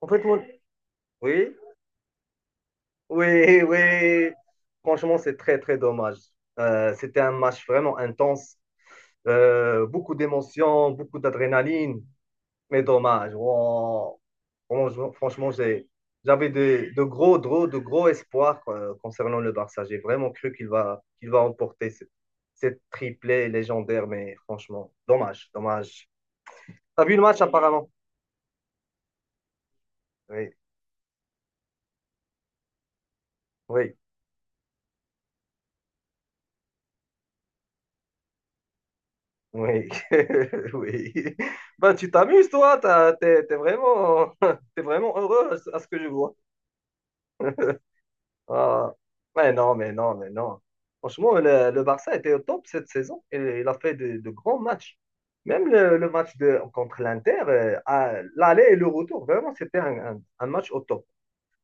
En fait, moi, oui, oui, oui. Franchement, c'est très, très dommage. C'était un match vraiment intense. Beaucoup d'émotions, beaucoup d'adrénaline. Mais dommage. Wow. Franchement, franchement, j'avais de gros espoirs quoi, concernant le Barça. J'ai vraiment cru qu'il va remporter cette triplée légendaire. Mais franchement, dommage, dommage. T'as vu le match apparemment? Oui, oui. Oui, oui. Bah, tu t'amuses, toi, t'es vraiment, t'es vraiment heureux à ce que je vois. Ah, mais non, mais non, mais non. Franchement, le Barça était au top cette saison et il a fait de grands matchs. Même le match contre l'Inter, à l'aller et le retour, vraiment, c'était un match au top.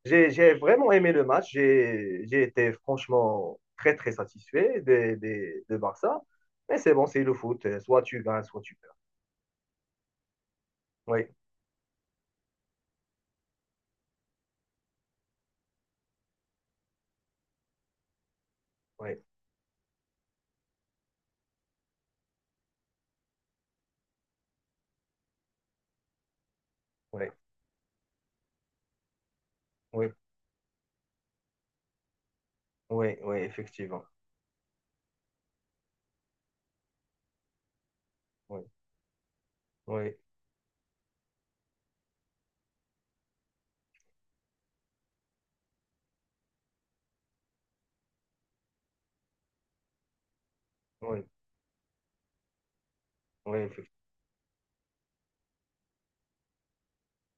J'ai vraiment aimé le match. J'ai été franchement très, très satisfait de Barça. Mais c'est bon, c'est le foot. Soit tu gagnes, soit tu perds. Oui, oui. Oui, oui, oui, oui, effectivement. Oui, oui, oui, oui, effectivement.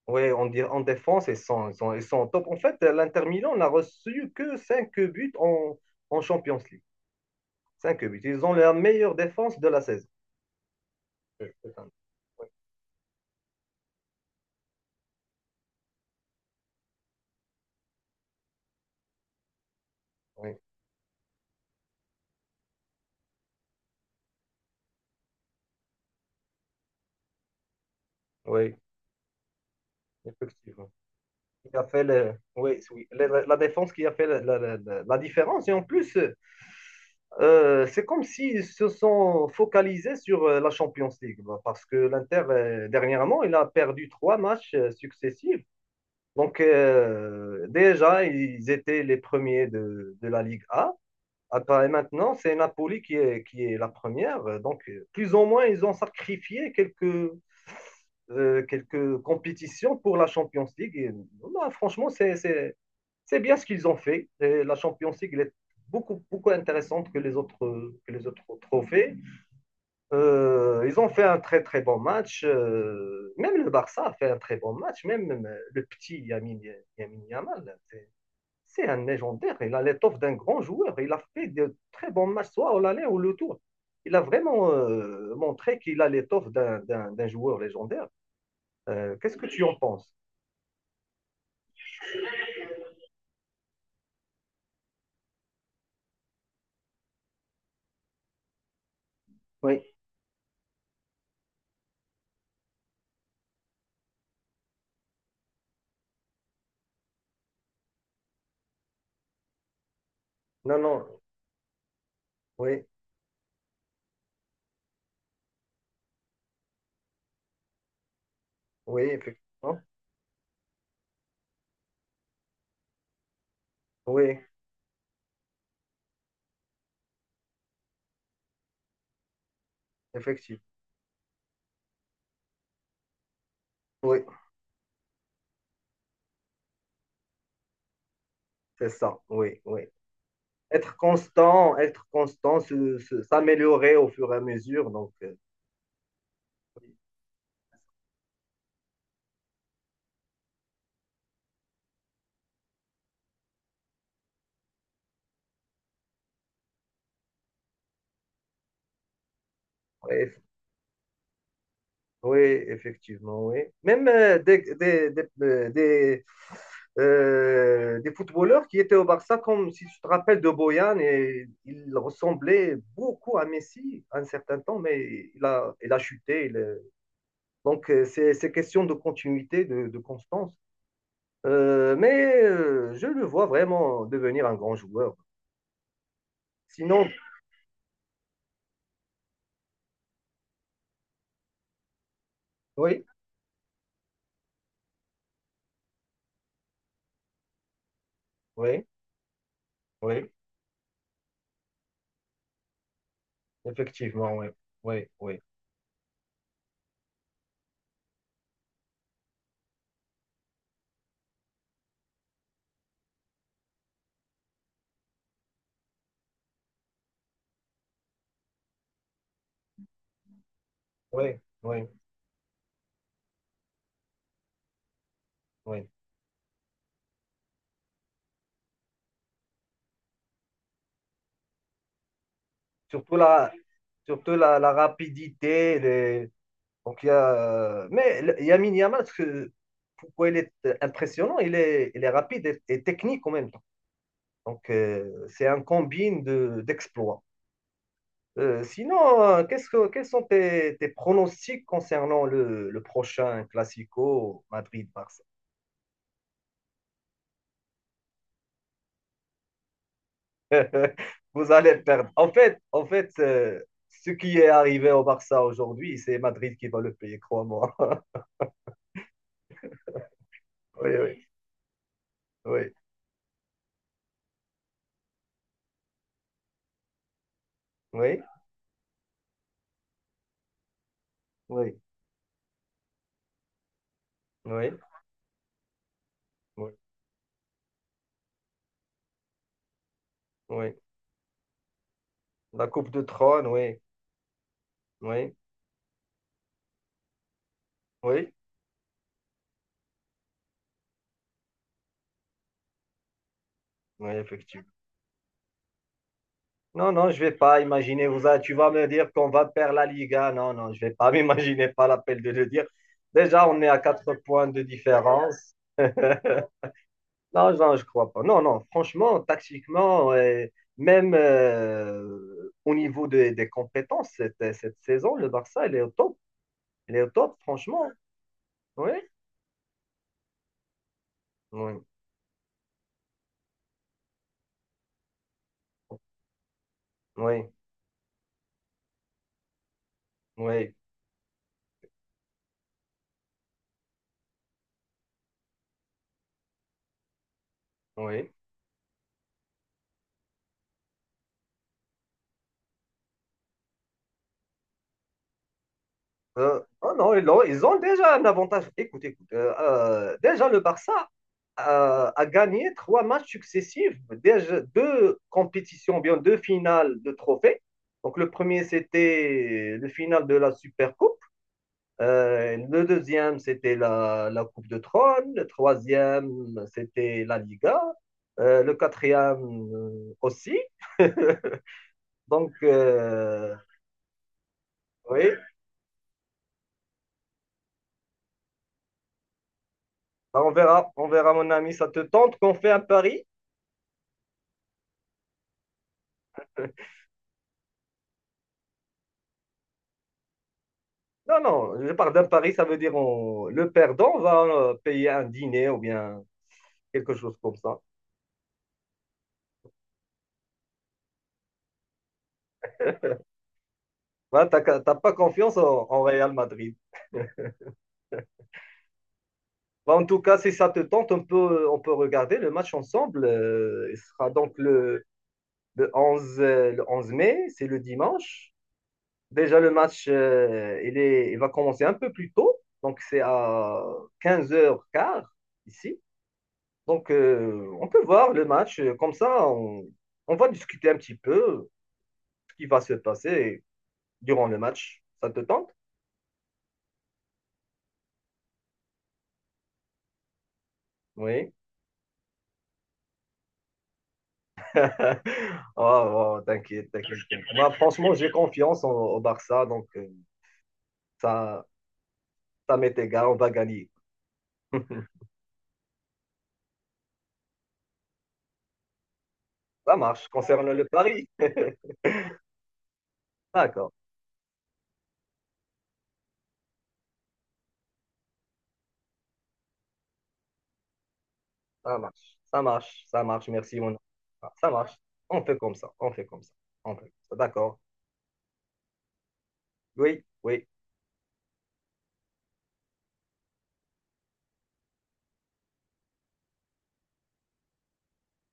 Oui, en défense, ils sont au top. En fait, l'Inter Milan n'a reçu que 5 buts en Champions League. Cinq buts. Ils ont la meilleure défense de la saison. Oui, c'est ça. Oui, oui, oui, effectivement. Qui a fait oui, oui, la défense qui a fait la différence. Et en plus, c'est comme s'ils se sont focalisés sur la Champions League, bah, parce que l'Inter, dernièrement, il a perdu trois matchs successifs. Donc, déjà, ils étaient les premiers de la Ligue A. Après, et maintenant, c'est Napoli qui est la première. Donc, plus ou moins, ils ont sacrifié quelques compétitions pour la Champions League. Et, bah, franchement, c'est bien ce qu'ils ont fait. Et la Champions League, elle est beaucoup, beaucoup intéressante que les autres trophées. Ils ont fait un très, très bon match. Même le Barça a fait un très bon match. Même le petit Yamin Yamal, c'est un légendaire. Il a l'étoffe d'un grand joueur. Il a fait de très bons matchs, soit au l'aller ou le tour. Il a vraiment montré qu'il a l'étoffe d'un joueur légendaire. Qu'est-ce que tu en penses? Oui. Non, non, oui, oui, effectivement. Oui, effectivement. Oui, c'est ça. Oui, oui. Être constant, s'améliorer au fur et à mesure. Donc, oui, oui, effectivement, oui. Même des footballeurs qui étaient au Barça, comme si tu te rappelles de Boyan, et il ressemblait beaucoup à Messi à un certain temps, mais il a chuté. Donc, c'est question de continuité, de constance. Mais je le vois vraiment devenir un grand joueur. Sinon, oui, oui, oui, effectivement, oui, oui, oui, oui, oui, oui. Surtout la, surtout la rapidité. Donc, il y a... Mais Lamine Yamal, pourquoi il est impressionnant? Il est rapide et technique en même temps. Donc, c'est un combine d'exploits. Sinon, quels sont tes pronostics concernant le prochain Classico Madrid-Barça? Vous allez perdre. En fait ce qui est arrivé au Barça aujourd'hui, c'est Madrid qui va le payer, crois-moi. Oui, oui, oui, oui, oui, oui, oui, oui. La Coupe de Trône, oui, oui, oui, oui, effectivement. Non, non, je vais pas imaginer. Tu vas me dire qu'on va perdre la Liga. Non, non, je vais pas m'imaginer. Pas l'appel de le dire. Déjà, on est à quatre points de différence. Non, non, je crois pas. Non, non, franchement, tactiquement, et même au niveau des compétences, cette saison, le Barça, il est au top. Il est au top, franchement. Oui, oui, oui, oui, oui. Oh non, ils ont déjà un avantage. Écoute, écoute, déjà le Barça a gagné trois matchs successifs, déjà deux compétitions, bien deux finales de trophées. Donc le premier, c'était le final de la Super Coupe. Le deuxième, c'était la Coupe de Trône. Le troisième, c'était la Liga. Le quatrième aussi. Donc, oui, bah, on verra, mon ami. Ça te tente qu'on fait un pari? Non, non, je parle d'un pari, ça veut dire le perdant va payer un dîner ou bien quelque chose comme ça. Voilà, t'as pas confiance en Real Madrid. Bah, en tout cas, si ça te tente, on peut regarder le match ensemble. Il sera donc le 11 mai, c'est le dimanche. Déjà, le match, il va commencer un peu plus tôt. Donc, c'est à quinze heures 15 ici. Donc, on peut voir le match. Comme ça, on va discuter un petit peu, qui va se passer durant le match. Ça te tente? Oui. Oh, oh, t'inquiète, t'inquiète. Moi, franchement, j'ai confiance au Barça, donc ça, ça m'est égal, on va gagner. Ça marche. Concernant le pari, d'accord, ça marche, ça marche, ça marche. Merci, mon. Ça marche. On fait comme ça, on fait comme ça, on fait comme ça. D'accord. Oui, oui.